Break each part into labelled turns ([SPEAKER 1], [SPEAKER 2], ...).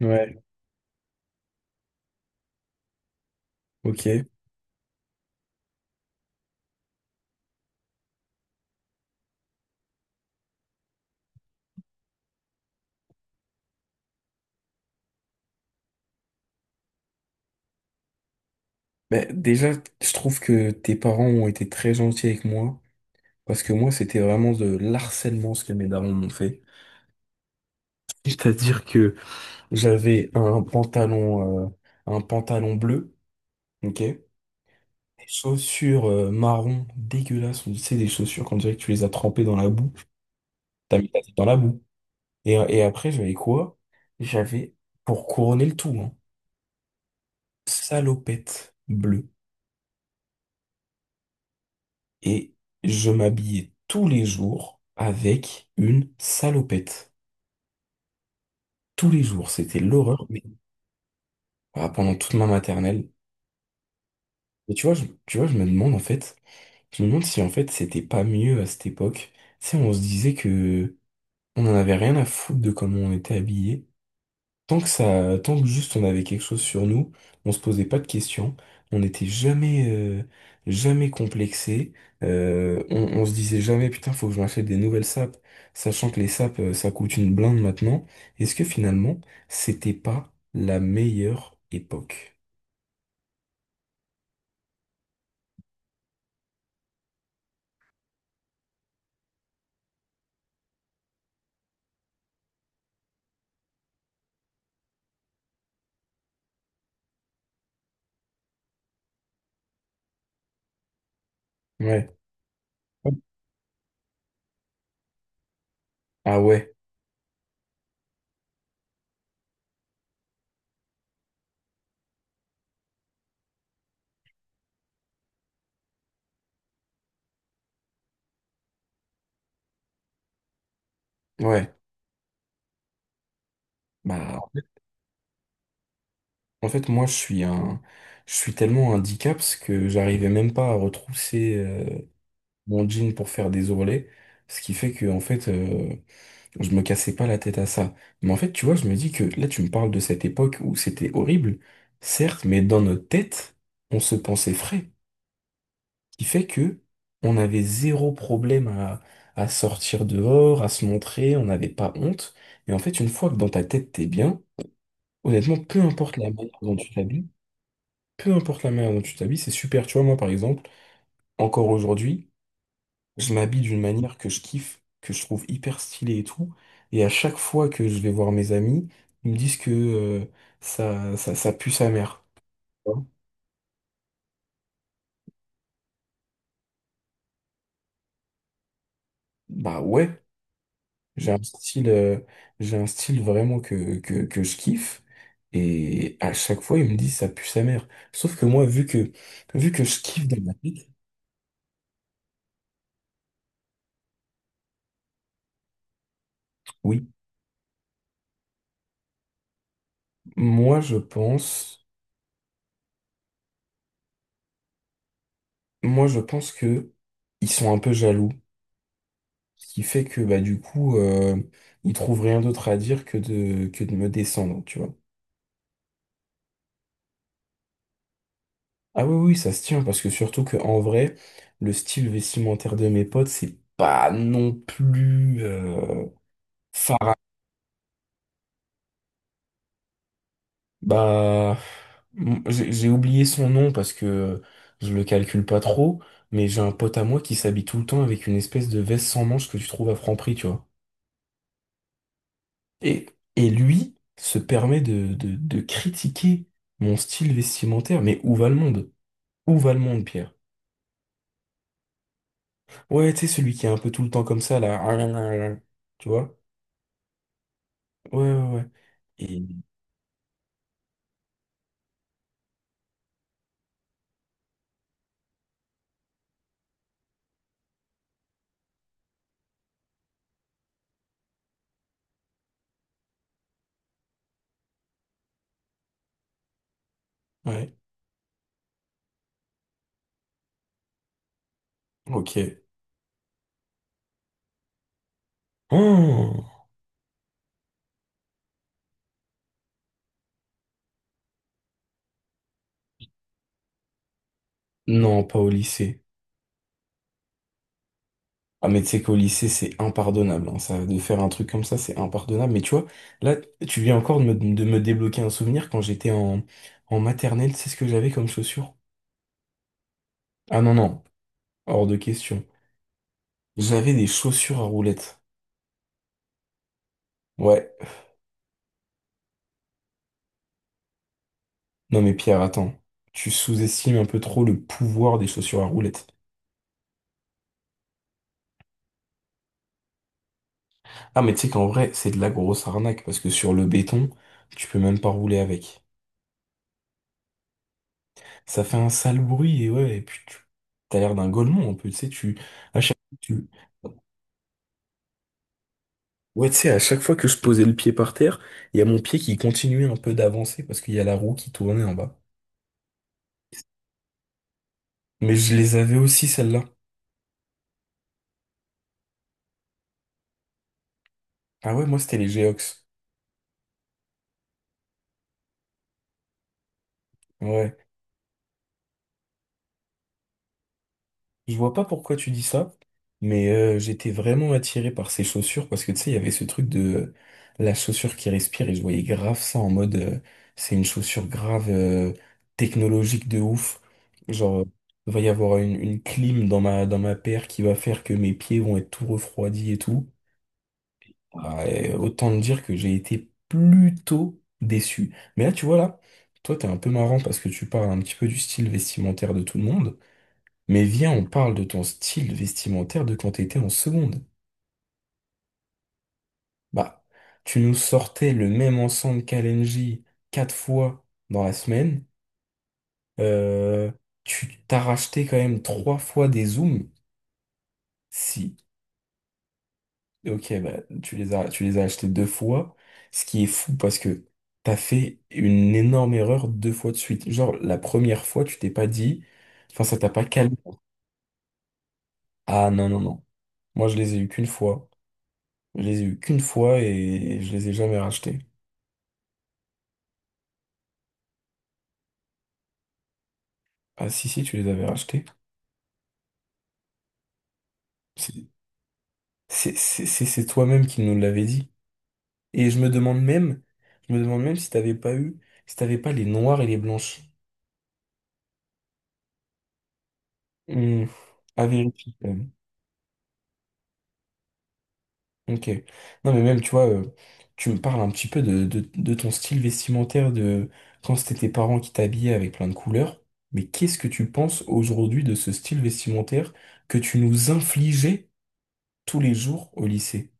[SPEAKER 1] Ouais. Ok. Ben, déjà, je trouve que tes parents ont été très gentils avec moi, parce que moi, c'était vraiment de l'harcèlement ce que mes darons m'ont fait. C'est-à-dire que j'avais un pantalon bleu, ok? Des chaussures marron dégueulasses, ou tu sais, des chaussures qu'on dirait que tu les as trempées dans la boue. T'as mis ta tête dans la boue. Et après, j'avais quoi? J'avais, pour couronner le tout, hein, salopette bleue. Et je m'habillais tous les jours avec une salopette. Tous les jours, c'était l'horreur, mais ah, pendant toute ma maternelle. Et tu vois, tu vois, je me demande en fait, je me demande si en fait c'était pas mieux à cette époque. Tu sais, on se disait que on en avait rien à foutre de comment on était habillé. Tant que ça, tant que juste on avait quelque chose sur nous, on se posait pas de questions, on n'était jamais, jamais complexé, on se disait jamais putain faut que je m'achète des nouvelles sapes, sachant que les sapes ça coûte une blinde maintenant. Est-ce que finalement c'était pas la meilleure époque? Ouais. Ah ouais, ouais. Bah en fait moi je suis un, je suis tellement un dicaps que j'arrivais même pas à retrousser mon jean pour faire des ourlets, ce qui fait que en fait je me cassais pas la tête à ça. Mais en fait, tu vois, je me dis que là, tu me parles de cette époque où c'était horrible, certes, mais dans notre tête, on se pensait frais, qui fait que on avait zéro problème à sortir dehors, à se montrer, on n'avait pas honte. Et en fait, une fois que dans ta tête, t'es bien, honnêtement, peu importe la manière dont tu t'habilles, c'est super. Tu vois, moi, par exemple, encore aujourd'hui, je m'habille d'une manière que je kiffe, que je trouve hyper stylée et tout. Et à chaque fois que je vais voir mes amis, ils me disent que ça pue sa mère. Hein. Bah ouais, j'ai un style, euh, j'ai un style vraiment que je kiffe. Et à chaque fois, ils me disent ça pue sa mère. Sauf que moi, vu que je kiffe de la vie, oui, moi je pense, moi je pense que ils sont un peu jaloux. Ce qui fait que bah du coup, il trouve rien d'autre à dire que de me descendre, tu vois. Ah oui, oui, ça se tient, parce que surtout que en vrai, le style vestimentaire de mes potes, c'est pas non plus phara- Bah, j'ai oublié son nom parce que je le calcule pas trop, mais j'ai un pote à moi qui s'habille tout le temps avec une espèce de veste sans manches que tu trouves à Franprix, tu vois. Et, et lui se permet de critiquer mon style vestimentaire, mais où va le monde? Où va le monde, Pierre? Ouais, tu sais, celui qui est un peu tout le temps comme ça, là. Tu vois? Ouais, ouais, ouais. Et- Ouais, ok. Oh. Non, pas au lycée. Ah, mais tu sais qu'au lycée, c'est impardonnable. Hein, ça, de faire un truc comme ça, c'est impardonnable. Mais tu vois, là, tu viens encore de de me débloquer un souvenir quand j'étais en maternelle. C'est ce que j'avais comme chaussures? Ah non, non, hors de question. J'avais des chaussures à roulettes. Ouais. Non, mais Pierre, attends. Tu sous-estimes un peu trop le pouvoir des chaussures à roulettes. Ah, mais tu sais qu'en vrai, c'est de la grosse arnaque parce que sur le béton, tu peux même pas rouler avec. Ça fait un sale bruit et ouais, et puis tu t'as l'air d'un golemon un peu, tu sais, tu, à chaque, tu, ouais, tu sais, à chaque fois que je posais le pied par terre, il y a mon pied qui continuait un peu d'avancer parce qu'il y a la roue qui tournait en bas. Mais je les avais aussi, celles-là. Ah ouais, moi, c'était les Geox. Ouais. Je vois pas pourquoi tu dis ça, mais j'étais vraiment attiré par ces chaussures parce que tu sais, il y avait ce truc de la chaussure qui respire et je voyais grave ça en mode c'est une chaussure grave technologique de ouf. Genre, il va y avoir une clim dans dans ma paire qui va faire que mes pieds vont être tout refroidis et tout. Ah, et autant te dire que j'ai été plutôt déçu. Mais là, tu vois, là, toi, t'es un peu marrant parce que tu parles un petit peu du style vestimentaire de tout le monde. Mais viens, on parle de ton style vestimentaire de quand t'étais en seconde. Bah, tu nous sortais le même ensemble qu'Alenji quatre fois dans la semaine. Euh, tu t'as racheté quand même trois fois des zooms. Si, ok, bah, tu les as achetés deux fois. Ce qui est fou parce que t'as fait une énorme erreur deux fois de suite. Genre, la première fois, tu t'es pas dit, enfin, ça t'a pas calmé. Ah non, non, non. Moi, je les ai eu qu'une fois. Je les ai eu qu'une fois et je les ai jamais rachetés. Ah si, si, tu les avais rachetés. C'est c'est toi-même qui nous l'avais dit. Et je me demande même si t'avais pas eu, si t'avais pas les noirs et les blanches. Hmm, à vérifier quand même. Ok. Non mais même, tu vois, tu me parles un petit peu de ton style vestimentaire de quand c'était tes parents qui t'habillaient avec plein de couleurs. Mais qu'est-ce que tu penses aujourd'hui de ce style vestimentaire que tu nous infligeais tous les jours au lycée?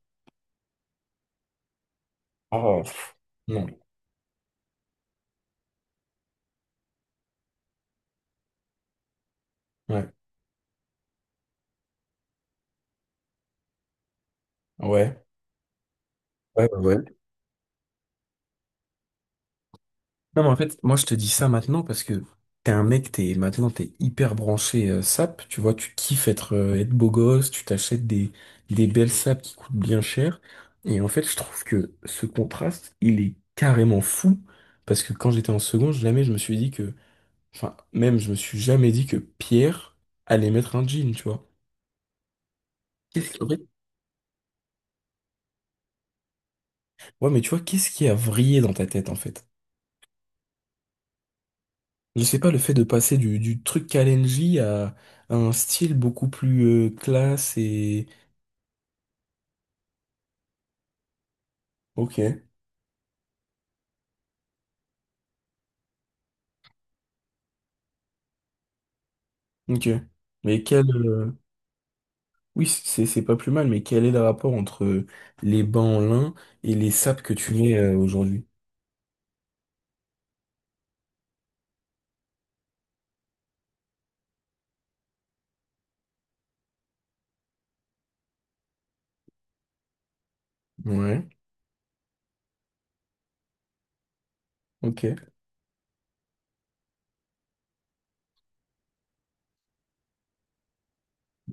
[SPEAKER 1] Oh, pff, non. Ouais. Ouais. Ouais, ouais, ouais. Non, mais en fait, moi, je te dis ça maintenant parce que t'es un mec, t'es, maintenant, t'es hyper branché sap. Tu vois, tu kiffes être, être beau gosse, des belles sapes qui coûtent bien cher. Et en fait, je trouve que ce contraste, il est carrément fou parce que quand j'étais en seconde, jamais je me suis dit que, enfin, même, je me suis jamais dit que Pierre allait mettre un jean, tu vois. Qu'est-ce qui... Ouais, mais tu vois, qu'est-ce qui a vrillé dans ta tête, en fait? Je sais pas, le fait de passer du truc Kalenji à un style beaucoup plus classe et... Ok, ok. Mais quel... oui, c'est pas plus mal, mais quel est le rapport entre les bancs en lin et les sapes que tu mets aujourd'hui? Ouais, ok.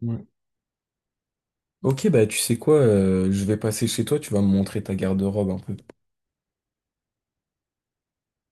[SPEAKER 1] Ouais. Ok, bah tu sais quoi, je vais passer chez toi, tu vas me montrer ta garde-robe un peu.